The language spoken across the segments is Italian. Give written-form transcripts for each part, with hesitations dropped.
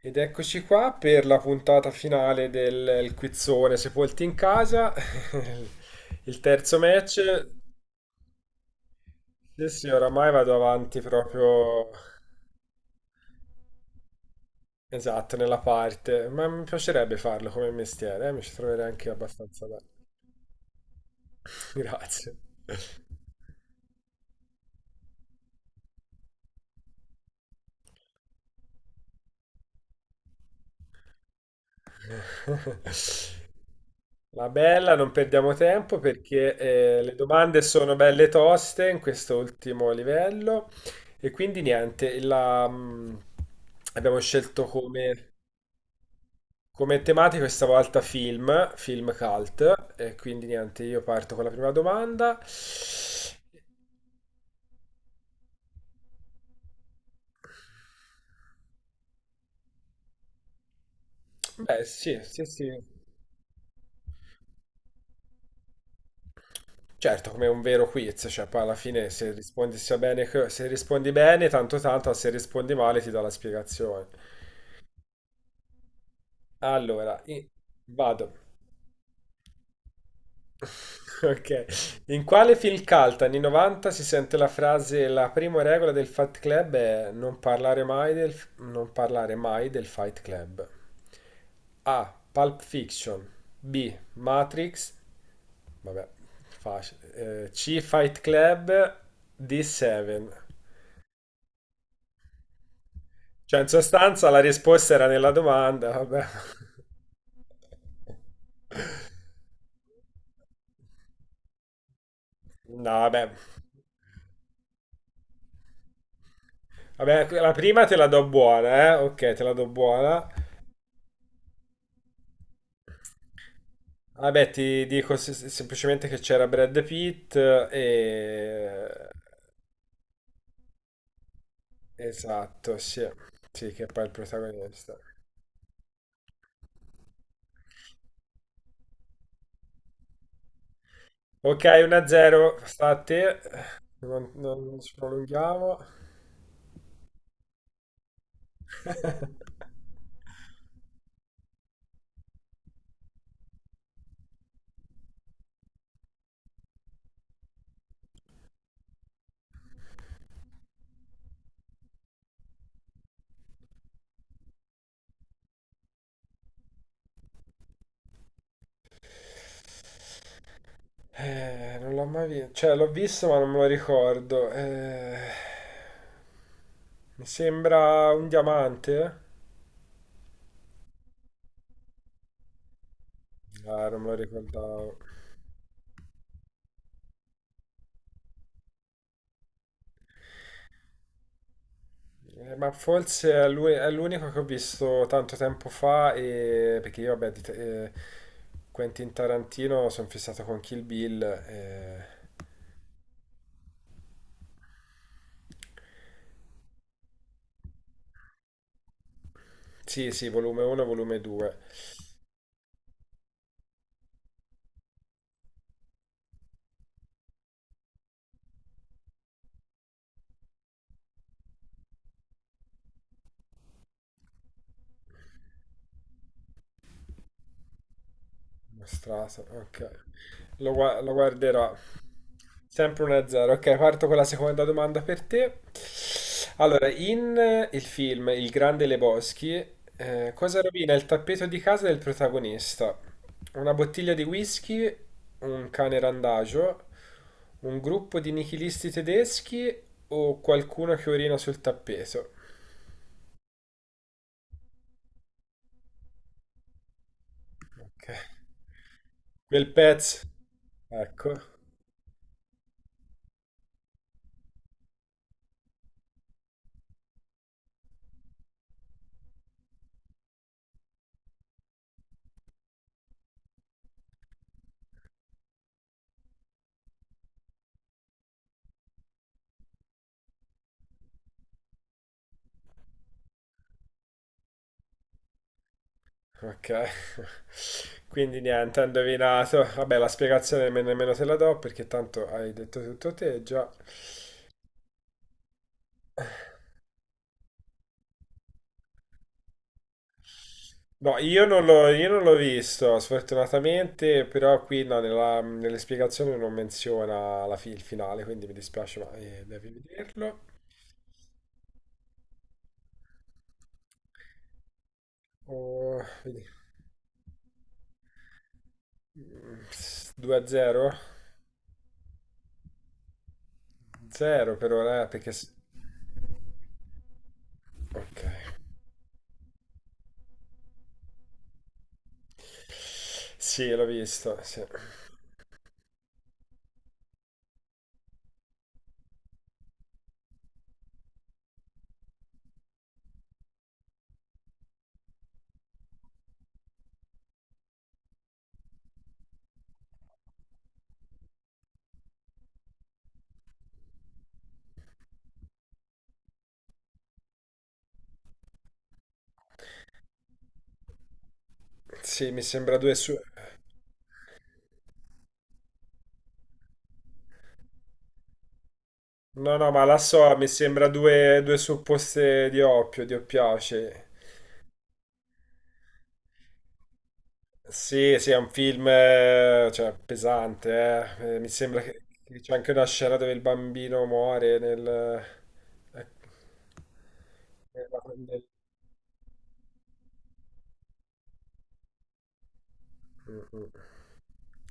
Ed eccoci qua per la puntata finale del il quizzone Sepolti in casa, il terzo match. Sì, sì, oramai vado avanti proprio esatto nella parte, ma mi piacerebbe farlo come mestiere, mi ci troverei anche abbastanza bene. Grazie. La bella, non perdiamo tempo perché le domande sono belle toste in questo ultimo livello e quindi niente, abbiamo scelto come, tematica questa volta film cult e quindi niente, io parto con la prima domanda. Beh, sì, sì, sì. Certo, come un vero quiz, cioè poi alla fine se rispondi se rispondi bene, tanto tanto, se rispondi male ti do la spiegazione. Allora, vado. Ok. In quale film cult anni 90 si sente la frase la prima regola del Fight Club è non parlare mai del Fight Club? A. Pulp Fiction. B. Matrix. Vabbè, facile. C. Fight Club. D. Seven. Cioè, in sostanza la risposta era nella domanda, vabbè. No, vabbè. Vabbè, la prima te la do buona, eh? Ok, te la do buona. Vabbè, ti dico semplicemente che c'era Brad Pitt e... Esatto, sì. Sì, che è poi il protagonista. Ok, 1-0, sta a te. Non ci prolunghiamo. Non l'ho mai visto. Cioè, l'ho visto, ma non me lo ricordo. Mi sembra un diamante. Ah, non me lo ricordavo. Ma forse è è l'unico che ho visto tanto tempo fa, e... perché io, vabbè, Quentin Tarantino sono fissato con Kill Bill. Sì, sì, volume 1, volume 2. Mostrato, ok. Lo guarderò. Sempre 1-0. Ok, parto con la seconda domanda per te. Allora, in il film Il Grande Lebowski, cosa rovina il tappeto di casa del protagonista? Una bottiglia di whisky, un cane randagio, un gruppo di nichilisti tedeschi o qualcuno che orina sul tappeto? Ok. Quel pezzo. Ecco. Ok, quindi niente, ha indovinato. Vabbè, la spiegazione nemmeno se la do perché tanto hai detto tutto te già. No, io non l'ho visto, sfortunatamente, però qui no, nelle spiegazioni non menziona il finale, quindi mi dispiace, ma devi vederlo. Oh, vedi. Mm, 2 a 0? 0 per ora, perché... Ok. Sì, l'ho visto, sì. Sì, mi sembra due su... No, no, ma la so, mi sembra due supposte di oppio, di oppiace. Sì, sì, è un film, cioè, pesante, eh. Mi sembra che c'è anche una scena dove il bambino muore nel... eh, nella- nel- Mm, mm.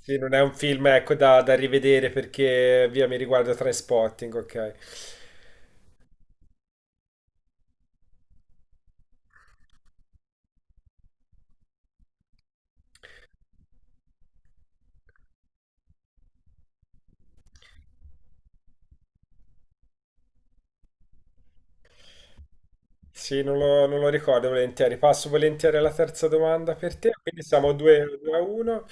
Sì, non è un film, ecco, da rivedere perché, via, mi riguarda Trainspotting, ok. Sì, non lo ricordo volentieri. Passo volentieri alla terza domanda per te. Quindi siamo 2 a 1.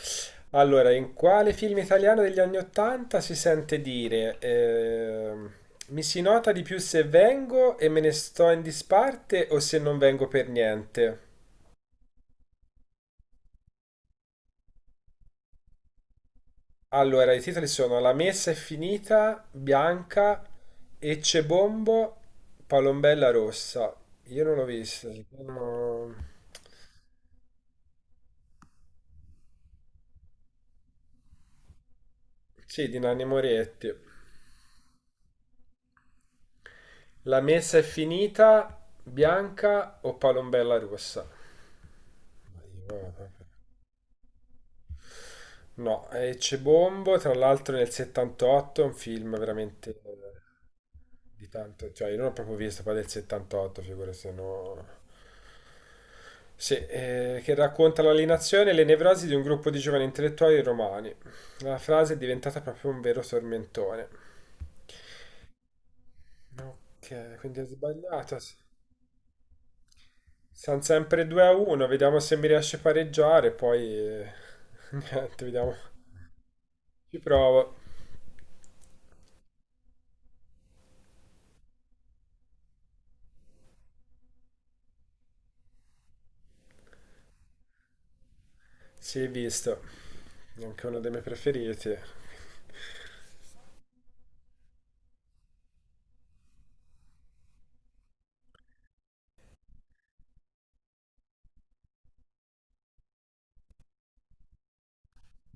Allora, in quale film italiano degli anni 80 si sente dire mi si nota di più se vengo e me ne sto in disparte o se non vengo per niente? Allora, i titoli sono La messa è finita, Bianca, Ecce Bombo, Palombella Rossa. Io non l'ho visto. Sono... Sì, di Nanni Moretti. La messa è finita, bianca o palombella russa? Ma io- No, è Cebombo, tra l'altro nel 78, è un film veramente di tanto, cioè io non l'ho proprio visto poi del 78, figura se no... Sì, che racconta l'alienazione e le nevrosi di un gruppo di giovani intellettuali romani. La frase è diventata proprio un vero tormentone. Ok, quindi ho sbagliato. Sì. Siamo sempre 2 a 1, vediamo se mi riesce a pareggiare, poi niente, vediamo. Ci provo. Sì, visto, è anche uno dei miei preferiti.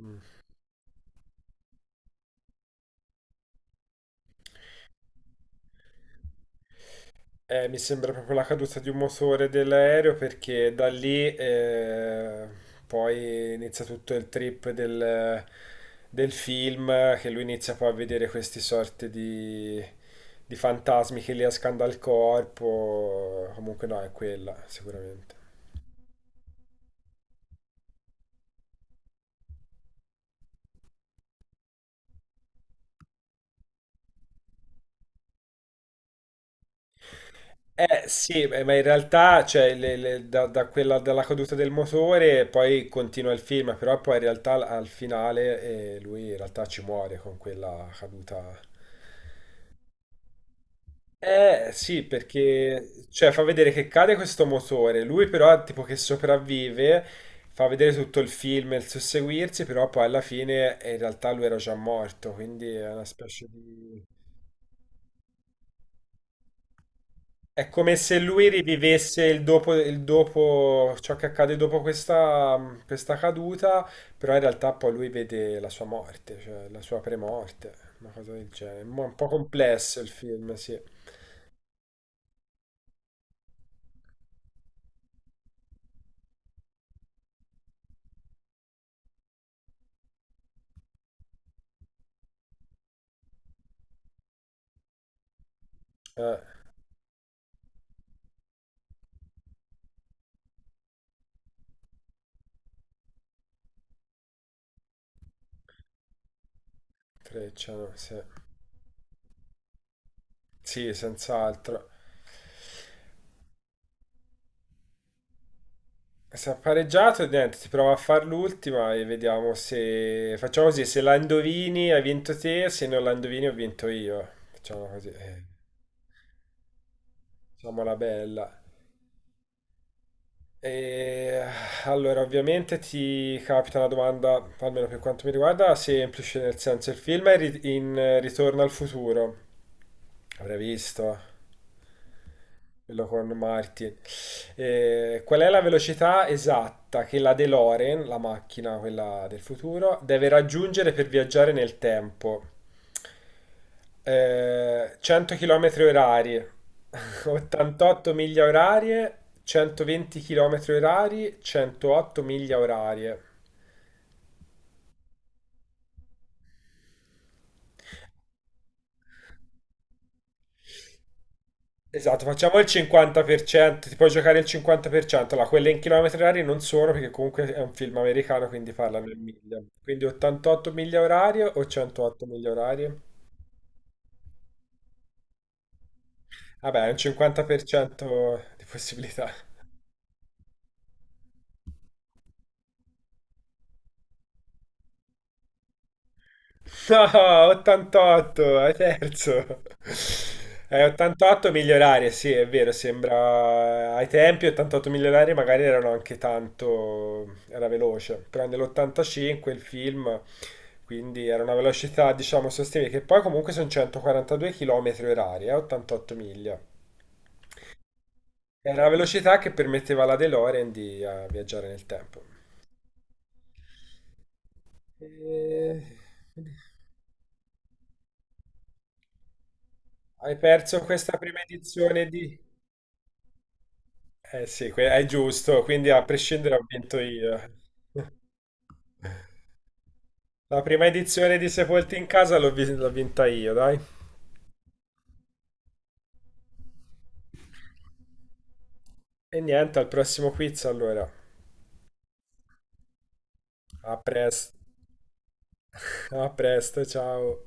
Mm. Mi sembra proprio la caduta di un motore dell'aereo perché da lì poi inizia tutto il trip del film che lui inizia poi a vedere questi sorti di fantasmi che gli escano dal corpo. Comunque no, è quella, sicuramente. Eh sì, beh, ma in realtà cioè, da quella, dalla caduta del motore poi continua il film, però poi in realtà al finale, lui in realtà ci muore con quella caduta. Eh sì, perché cioè, fa vedere che cade questo motore, lui però tipo che sopravvive, fa vedere tutto il film e il susseguirsi, però poi alla fine, in realtà lui era già morto, quindi è una specie di... È come se lui rivivesse il dopo, ciò che accade dopo questa caduta, però in realtà poi lui vede la sua morte, cioè la sua premorte, una cosa del genere. Mo' è un po' complesso il film, sì. Eh, Frecciano, sì. Sì, senz'altro. Se ha pareggiato, niente, ti prova a far l'ultima e vediamo se... Facciamo così, se la indovini hai vinto te, se non la indovini ho vinto io. Facciamo così, eh. Facciamola bella. E, allora, ovviamente ti capita una domanda, almeno per quanto mi riguarda, semplice, nel senso il film è ri- in Ritorno al futuro, avrai visto, quello con Martin. E qual è la velocità esatta che la DeLorean, la macchina, quella del futuro, deve raggiungere per viaggiare nel tempo? 100 km orari, 88 miglia orarie, 120 km orari, 108 miglia orarie. Esatto, facciamo il 50%, ti puoi giocare il 50%, allora quelle in chilometri orari non sono perché comunque è un film americano quindi parlano in miglia. Quindi 88 miglia orarie o 108 miglia orarie? Vabbè, è un 50% di possibilità. No, 88, è terzo. 88 migliorare, sì, è vero, sembra... Ai tempi 88 migliorare magari erano anche tanto... era veloce, però nell'85 il film, quindi era una velocità, diciamo, sostenibile, che poi comunque sono 142 km orari, 88 miglia. Era una velocità che permetteva alla DeLorean di viaggiare nel tempo. Eh, Hai perso questa prima edizione di... Eh sì, è giusto, quindi a prescindere ho vinto io. La prima edizione di Sepolti in casa l'ho vinta io, dai. E niente, al prossimo quiz allora. A presto, a presto, ciao.